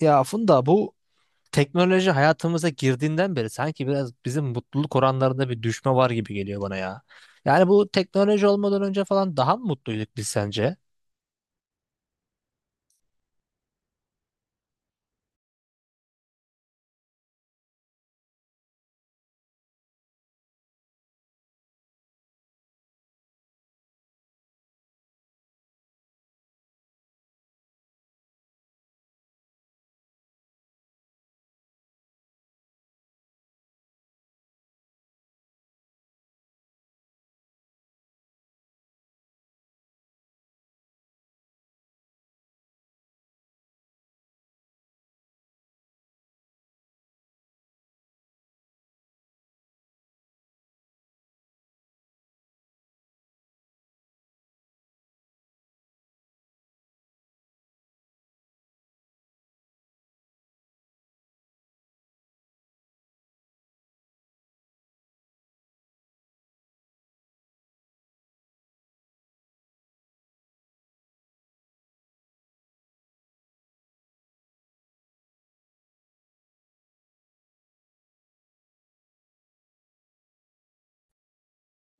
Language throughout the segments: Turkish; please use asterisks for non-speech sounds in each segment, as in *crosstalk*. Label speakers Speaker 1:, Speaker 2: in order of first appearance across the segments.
Speaker 1: Ya Funda, bu teknoloji hayatımıza girdiğinden beri sanki biraz bizim mutluluk oranlarında bir düşme var gibi geliyor bana ya. Yani bu teknoloji olmadan önce falan daha mı mutluyduk biz sence?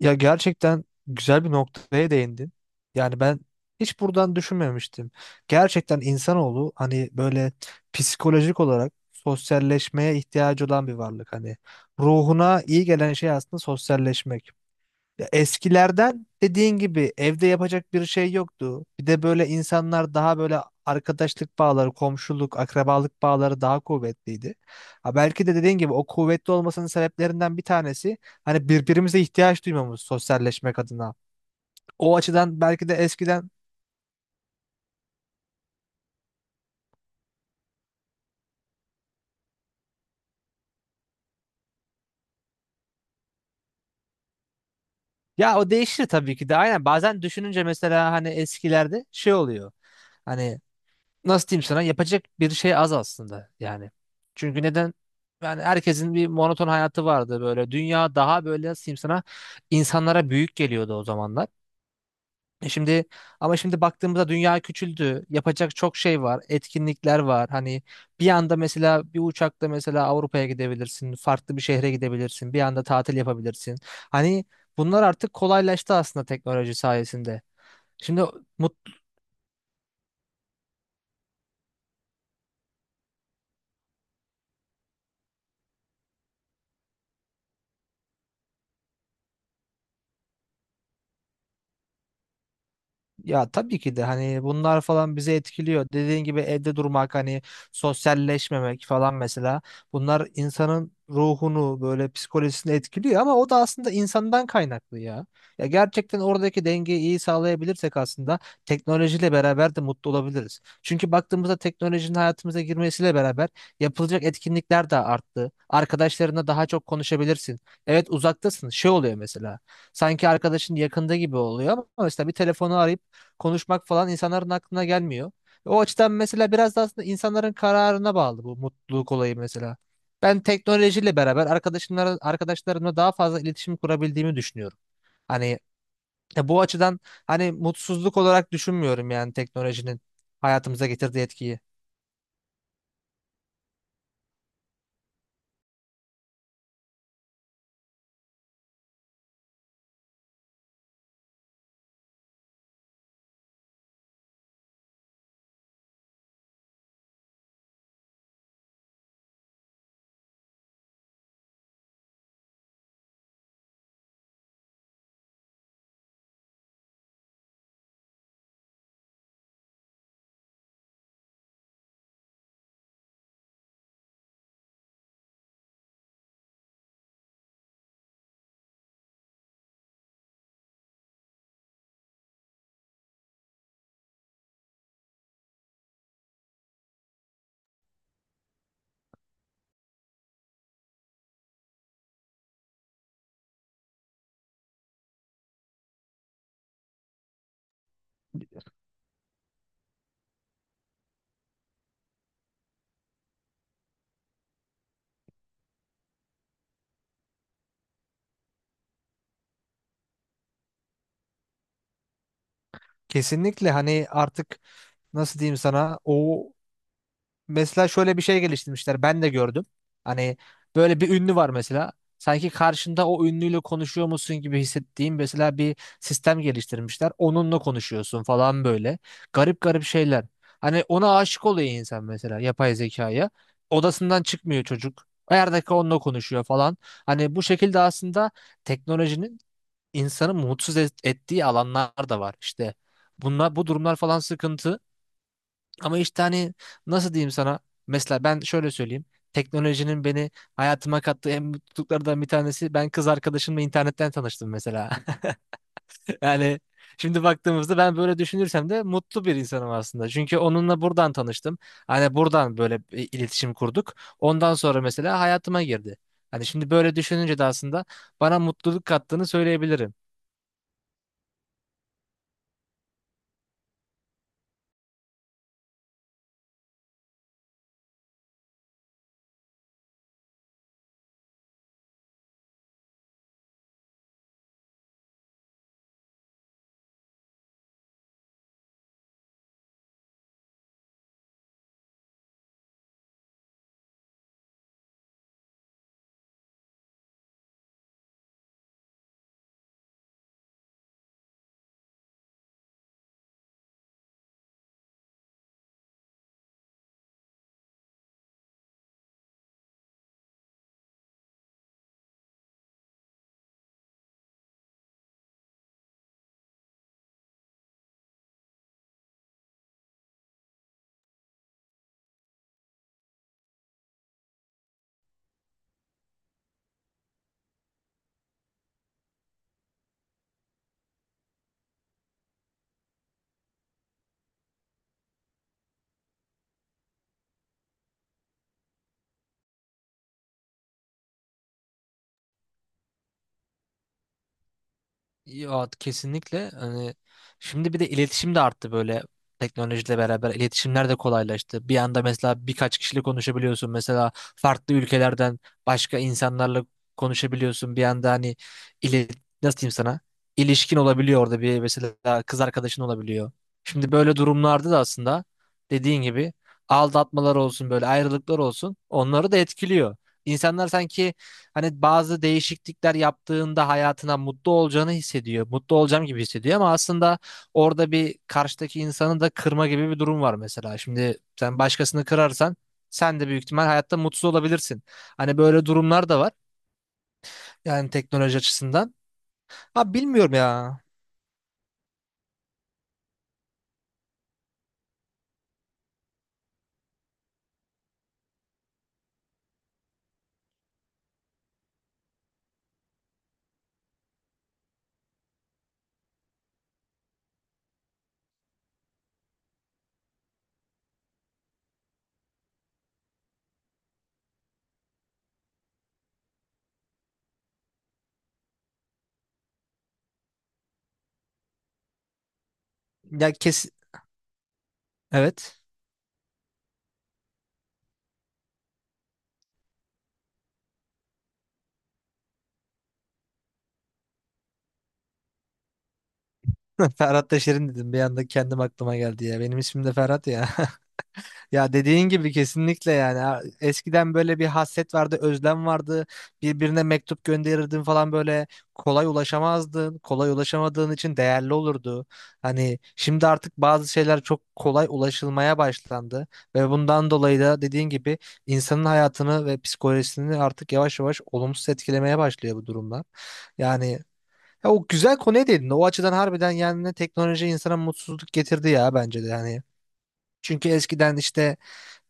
Speaker 1: Ya gerçekten güzel bir noktaya değindin. Yani ben hiç buradan düşünmemiştim. Gerçekten insanoğlu hani böyle psikolojik olarak sosyalleşmeye ihtiyacı olan bir varlık. Hani ruhuna iyi gelen şey aslında sosyalleşmek. Ya eskilerden dediğin gibi evde yapacak bir şey yoktu. Bir de böyle insanlar daha böyle arkadaşlık bağları, komşuluk, akrabalık bağları daha kuvvetliydi. Ha belki de dediğin gibi o kuvvetli olmasının sebeplerinden bir tanesi hani birbirimize ihtiyaç duymamız sosyalleşmek adına. O açıdan belki de eskiden ya o değişir tabii ki de aynen, bazen düşününce mesela hani eskilerde şey oluyor. Hani nasıl diyeyim sana, yapacak bir şey az aslında yani. Çünkü neden? Yani herkesin bir monoton hayatı vardı böyle. Dünya daha böyle, nasıl diyeyim sana, insanlara büyük geliyordu o zamanlar. E şimdi, ama şimdi baktığımızda dünya küçüldü. Yapacak çok şey var. Etkinlikler var. Hani bir anda mesela bir uçakla mesela Avrupa'ya gidebilirsin. Farklı bir şehre gidebilirsin. Bir anda tatil yapabilirsin. Hani bunlar artık kolaylaştı aslında teknoloji sayesinde. Şimdi mut, ya tabii ki de hani bunlar falan bizi etkiliyor. Dediğin gibi evde durmak, hani sosyalleşmemek falan mesela, bunlar insanın ruhunu böyle psikolojisini etkiliyor ama o da aslında insandan kaynaklı ya. Ya gerçekten oradaki dengeyi iyi sağlayabilirsek aslında teknolojiyle beraber de mutlu olabiliriz. Çünkü baktığımızda teknolojinin hayatımıza girmesiyle beraber yapılacak etkinlikler de arttı. Arkadaşlarına daha çok konuşabilirsin. Evet uzaktasın. Şey oluyor mesela. Sanki arkadaşın yakında gibi oluyor ama mesela bir telefonu arayıp konuşmak falan insanların aklına gelmiyor. O açıdan mesela biraz da aslında insanların kararına bağlı bu mutluluk olayı mesela. Ben teknolojiyle beraber arkadaşımla, arkadaşlarımla daha fazla iletişim kurabildiğimi düşünüyorum. Hani bu açıdan hani mutsuzluk olarak düşünmüyorum yani teknolojinin hayatımıza getirdiği etkiyi. Kesinlikle hani artık nasıl diyeyim sana o, mesela şöyle bir şey geliştirmişler. Ben de gördüm. Hani böyle bir ünlü var mesela. Sanki karşında o ünlüyle konuşuyor musun gibi hissettiğim mesela bir sistem geliştirmişler. Onunla konuşuyorsun falan böyle. Garip garip şeyler. Hani ona aşık oluyor insan mesela yapay zekaya. Odasından çıkmıyor çocuk. Her dakika onunla konuşuyor falan. Hani bu şekilde aslında teknolojinin insanı ettiği alanlar da var. İşte bunlar, bu durumlar falan sıkıntı. Ama işte hani nasıl diyeyim sana? Mesela ben şöyle söyleyeyim. Teknolojinin beni hayatıma kattığı en mutluluklardan bir tanesi, ben kız arkadaşımla internetten tanıştım mesela. *laughs* Yani şimdi baktığımızda ben böyle düşünürsem de mutlu bir insanım aslında. Çünkü onunla buradan tanıştım. Hani buradan böyle bir iletişim kurduk. Ondan sonra mesela hayatıma girdi. Hani şimdi böyle düşününce de aslında bana mutluluk kattığını söyleyebilirim. Ya kesinlikle hani şimdi bir de iletişim de arttı böyle, teknolojiyle beraber iletişimler de kolaylaştı. Bir anda mesela birkaç kişiyle konuşabiliyorsun. Mesela farklı ülkelerden başka insanlarla konuşabiliyorsun. Bir anda hani ile nasıl diyeyim sana? İlişkin olabiliyor orada, bir mesela kız arkadaşın olabiliyor. Şimdi böyle durumlarda da aslında dediğin gibi aldatmalar olsun, böyle ayrılıklar olsun, onları da etkiliyor. İnsanlar sanki, hani bazı değişiklikler yaptığında hayatına mutlu olacağını hissediyor. Mutlu olacağım gibi hissediyor ama aslında orada bir karşıdaki insanı da kırma gibi bir durum var mesela. Şimdi sen başkasını kırarsan sen de büyük ihtimal hayatta mutsuz olabilirsin. Hani böyle durumlar da var. Yani teknoloji açısından. Ha bilmiyorum ya. Ya kes, evet. *laughs* Ferhat Taşerin dedim. Bir anda kendim aklıma geldi ya. Benim ismim de Ferhat ya. *laughs* Ya dediğin gibi kesinlikle yani. Ha- eskiden böyle bir hasret vardı, özlem vardı. Birbirine mektup gönderirdin falan böyle, kolay ulaşamazdın. Kolay ulaşamadığın için değerli olurdu. Hani şimdi artık bazı şeyler çok kolay ulaşılmaya başlandı ve bundan dolayı da dediğin gibi insanın hayatını ve psikolojisini artık yavaş yavaş olumsuz etkilemeye başlıyor bu durumlar. Yani ya, o güzel konuya değindin. O açıdan harbiden yani teknoloji insana mutsuzluk getirdi ya, bence de yani. Çünkü eskiden işte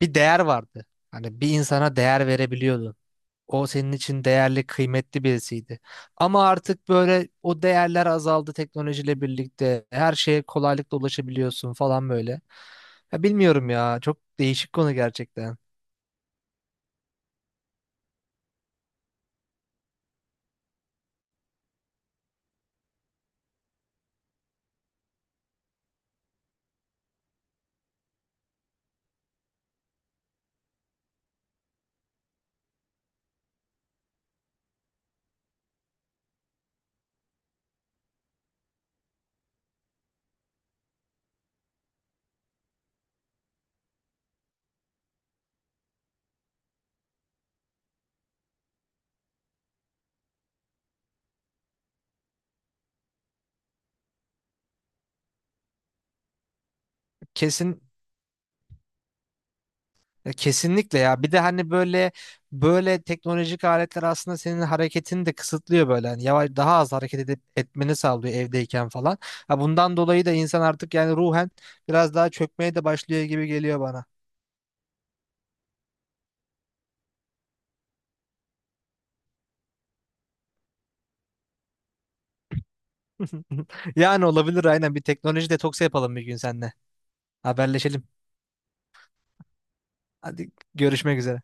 Speaker 1: bir değer vardı. Hani bir insana değer verebiliyordun. O senin için değerli, kıymetli birisiydi. Ama artık böyle o değerler azaldı teknolojiyle birlikte. Her şeye kolaylıkla ulaşabiliyorsun falan böyle. Ya bilmiyorum ya. Çok değişik konu gerçekten. Kesin, ya kesinlikle ya. Bir de hani böyle böyle teknolojik aletler aslında senin hareketini de kısıtlıyor böyle. Hani yavaş daha az hareket edip etmeni sağlıyor evdeyken falan. Ha bundan dolayı da insan artık yani ruhen biraz daha çökmeye de başlıyor gibi geliyor bana. *laughs* Yani olabilir, aynen bir teknoloji detoksu yapalım bir gün seninle. Haberleşelim. Hadi görüşmek üzere.